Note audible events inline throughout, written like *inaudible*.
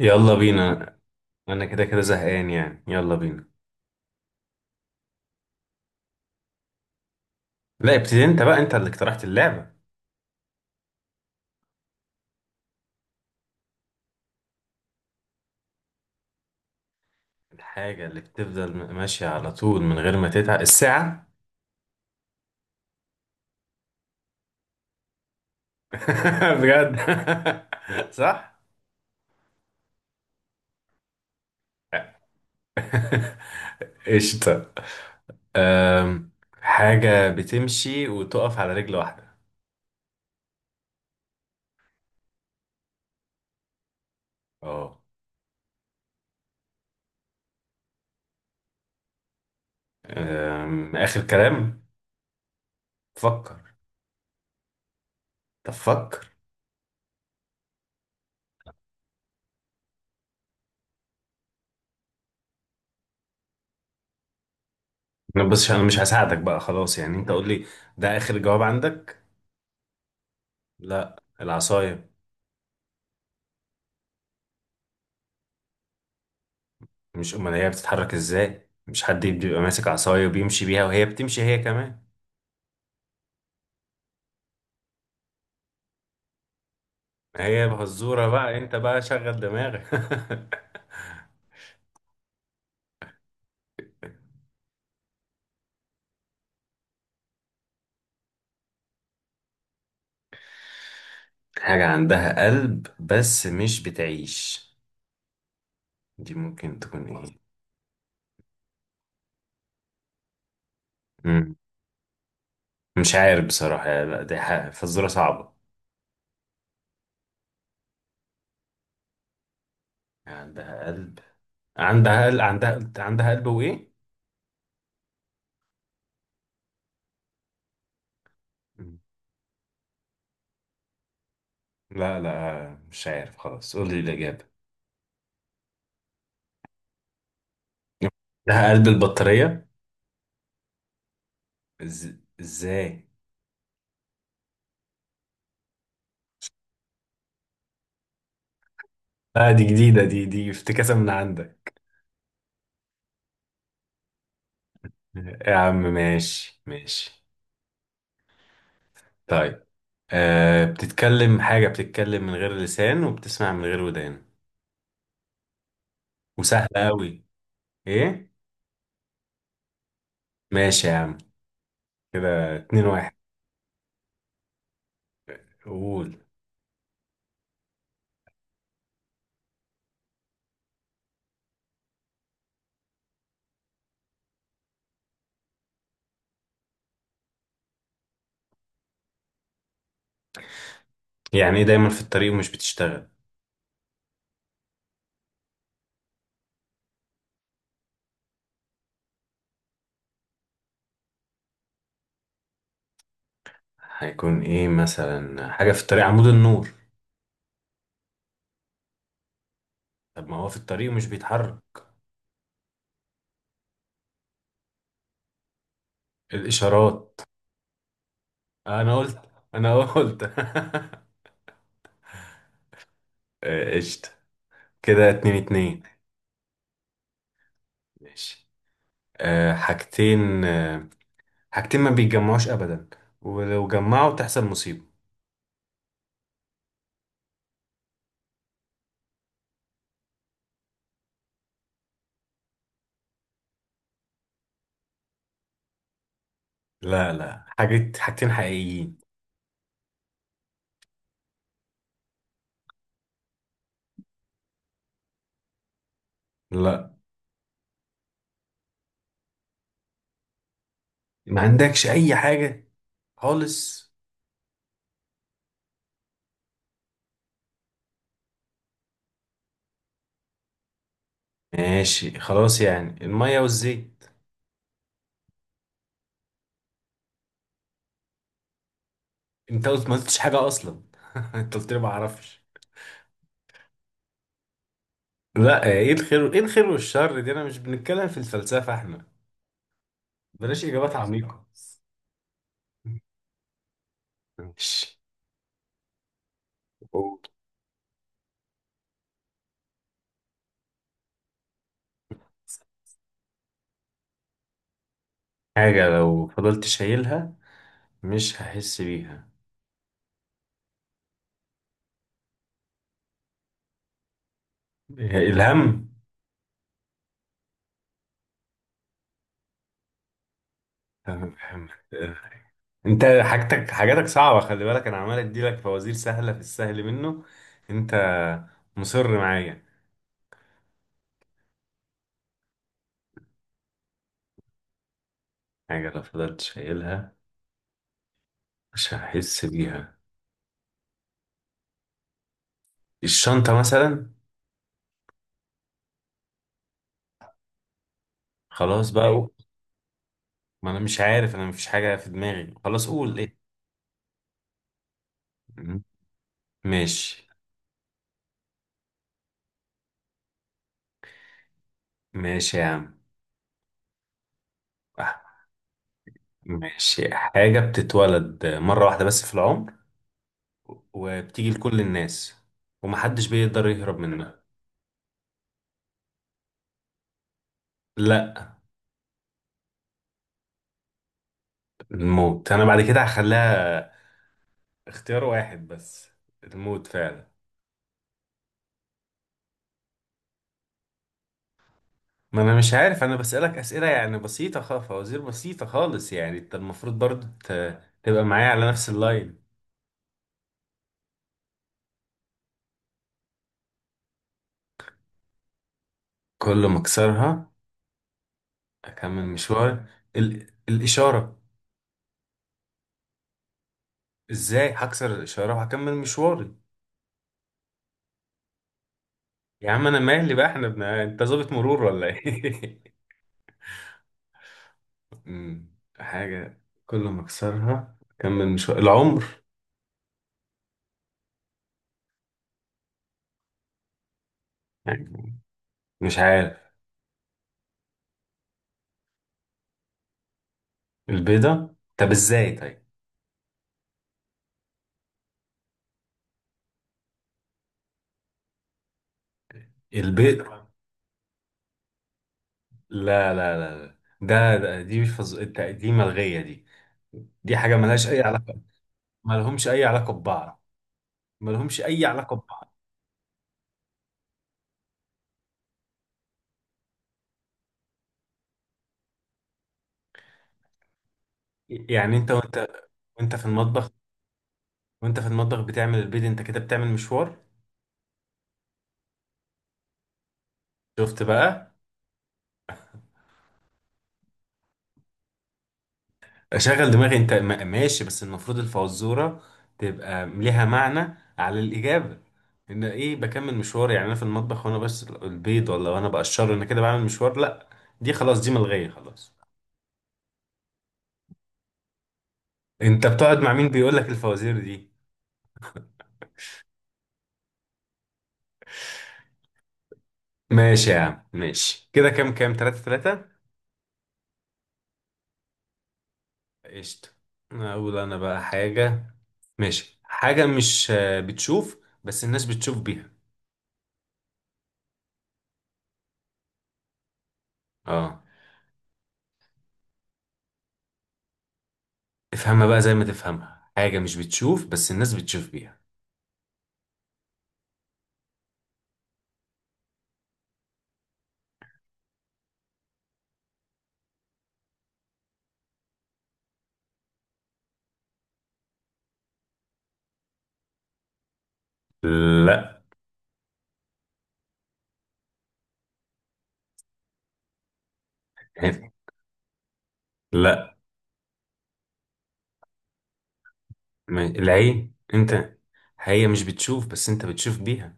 يلا بينا. انا كده كده زهقان يعني، يلا بينا. لا ابتدي انت بقى، انت اللي اقترحت اللعبة. الحاجة اللي بتفضل ماشية على طول من غير ما تتعب الساعة. *laughs* بجد. *laughs* صح. *laughs* قشطة. أم، حاجة بتمشي وتقف على رجل واحدة. اه. آخر كلام، فكر. طب فكر. أنا بس، أنا مش هساعدك بقى، خلاص يعني، أنت قول لي. ده آخر جواب عندك؟ لا، العصاية. مش امال هي بتتحرك ازاي؟ مش حد بيبقى ماسك عصايه وبيمشي بيها، وهي بتمشي هي كمان. هي بهزوره، بقى انت بقى شغل دماغك. *laughs* حاجه عندها قلب بس مش بتعيش، دي ممكن تكون ايه؟ مم. مش عارف بصراحه، لا دي حاجة فزوره صعبه. عندها قلب؟ عندها قلب؟ عندها قلب وايه؟ مم. لا لا مش عارف، خلاص قول لي الاجابه. عندها قلب البطاريه؟ إز- ازاي؟ لا دي جديده، دي افتكاسه من عندك. يا عم ماشي ماشي. طيب، أه بتتكلم، حاجة بتتكلم من غير لسان وبتسمع من غير ودان، وسهلة أوي. إيه؟ ماشي يا عم، كده اتنين واحد. قول. يعني إيه دايما في الطريق ومش بتشتغل؟ هيكون إيه مثلا؟ حاجة في الطريق، عمود النور. طب ما هو في الطريق ومش بيتحرك. الإشارات. أنا قلت، أنا قلت. *laughs* آه، قشطة. كده اتنين اتنين. ماشي. أه حاجتين، أه، حاجتين ما بيتجمعوش ابدا، ولو جمعوا تحصل مصيبة. لا لا، حاجات، حاجتين حقيقيين. لا، ما عندكش اي حاجة خالص. ماشي، خلاص يعني، المية والزيت. انت قلت، ما قلتش حاجة اصلا. *laughs* انت قلت لي ما اعرفش. لا ايه الخير، ايه الخير والشر دي؟ انا مش بنتكلم في الفلسفة احنا، بلاش اجابات عميقة. ماشي. قول. حاجة لو فضلت شايلها مش هحس بيها؟ إيه، الهم. *laughs* انت حاجتك، حاجاتك صعبة، خلي بالك انا عمال اديلك فوازير سهلة، في السهل منه. انت مصر معايا. حاجة لو فضلت شايلها مش هحس بيها، الشنطة مثلا. خلاص بقى، ايوه قول. ما انا مش عارف، انا مفيش حاجة في دماغي، خلاص قول ايه. مم. ماشي. ماشي يا عم. آه، ماشي، حاجة بتتولد مرة واحدة بس في العمر، وبتيجي لكل الناس، ومحدش بيقدر يهرب منها. لا. الموت؟ انا بعد كده هخليها اختيار واحد بس. الموت فعلا. ما انا مش عارف، انا بسألك اسئلة يعني بسيطة خالص، فوازير بسيطة خالص، يعني انت المفروض برضو تبقى معايا على نفس اللاين. كل ما اكسرها اكمل مشواري؟ الاشارة. ازاي هكسر الاشارة وهكمل مشواري؟ يا عم انا مالي بقى، احنا انت ظابط مرور ولا ايه؟ *laughs* أمم، حاجة كل ما اكسرها اكمل مشواري، العمر؟ يعني مش عارف. البيضة؟ طب ازاي طيب؟ البيض؟ لا لا لا لا. ده دي مش فز... الت- دي ملغية دي، دي حاجة ملهاش أي علاقة. ملهمش أي علاقة ببعض. ملهمش أي علاقة ببعض. يعني أنت، وأنت، وأنت في المطبخ، وأنت في المطبخ بتعمل البيض، أنت كده بتعمل مشوار؟ شفت بقى. أشغل دماغي، أنت ماشي، بس المفروض الفزورة تبقى ليها معنى على الإجابة، إن إيه بكمل مشوار؟ يعني أنا في المطبخ وأنا بس البيض، ولا وأنا بقشره أنا كده بعمل مشوار؟ لا، دي خلاص، دي ملغية خلاص. أنت بتقعد مع مين بيقول لك الفوازير دي؟ ماشي يا عم ماشي، كده كام كام، تلاتة تلاتة. قشطة. أقول أنا بقى حاجة. ماشي، حاجة مش آه، بتشوف، بس الناس بتشوف بيها. اه. افهمها بقى زي ما تفهمها، حاجة مش بتشوف بس الناس بتشوف بيها. لا لا، العين. انت، هي مش بتشوف بس انت بتشوف بيها.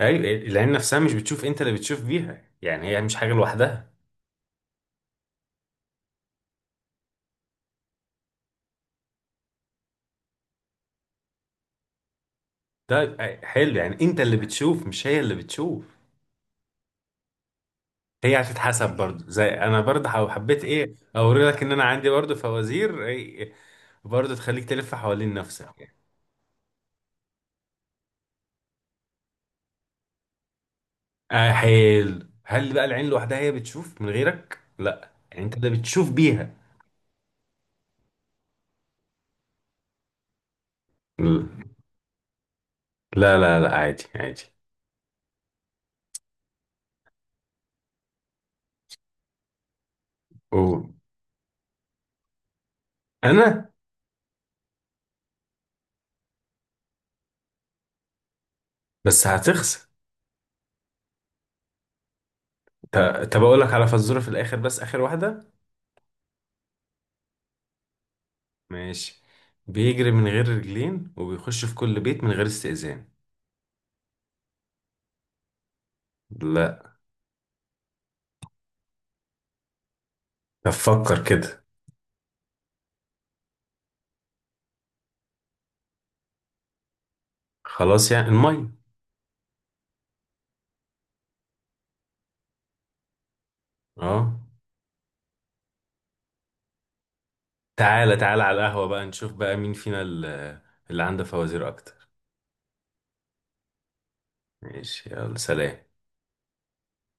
ايوه العين نفسها مش بتشوف، انت اللي بتشوف بيها، يعني هي مش حاجة لوحدها. طيب آه، حلو، يعني انت اللي بتشوف مش هي اللي بتشوف. هي هتتحسب برضو، زي انا برضو حبيت ايه اوري لك ان انا عندي برضو فوازير إيه، برضو تخليك تلف حوالين نفسك يعني. آه حلو، هل بقى العين لوحدها هي بتشوف من غيرك؟ لا، يعني انت اللي بتشوف بيها. لا لا لا، عادي عادي. و... انا. بس هتخسر. ط- طب اقول لك على فزوره في الاخر، بس اخر واحده. ماشي. بيجري من غير رجلين وبيخش في كل بيت من غير استئذان. لا. طب فكر كده. خلاص يعني، الميه. اه. تعالى تعالى على القهوة بقى، نشوف بقى مين فينا اللي، اللي عنده فوازير أكتر. ماشي يلا، سلام.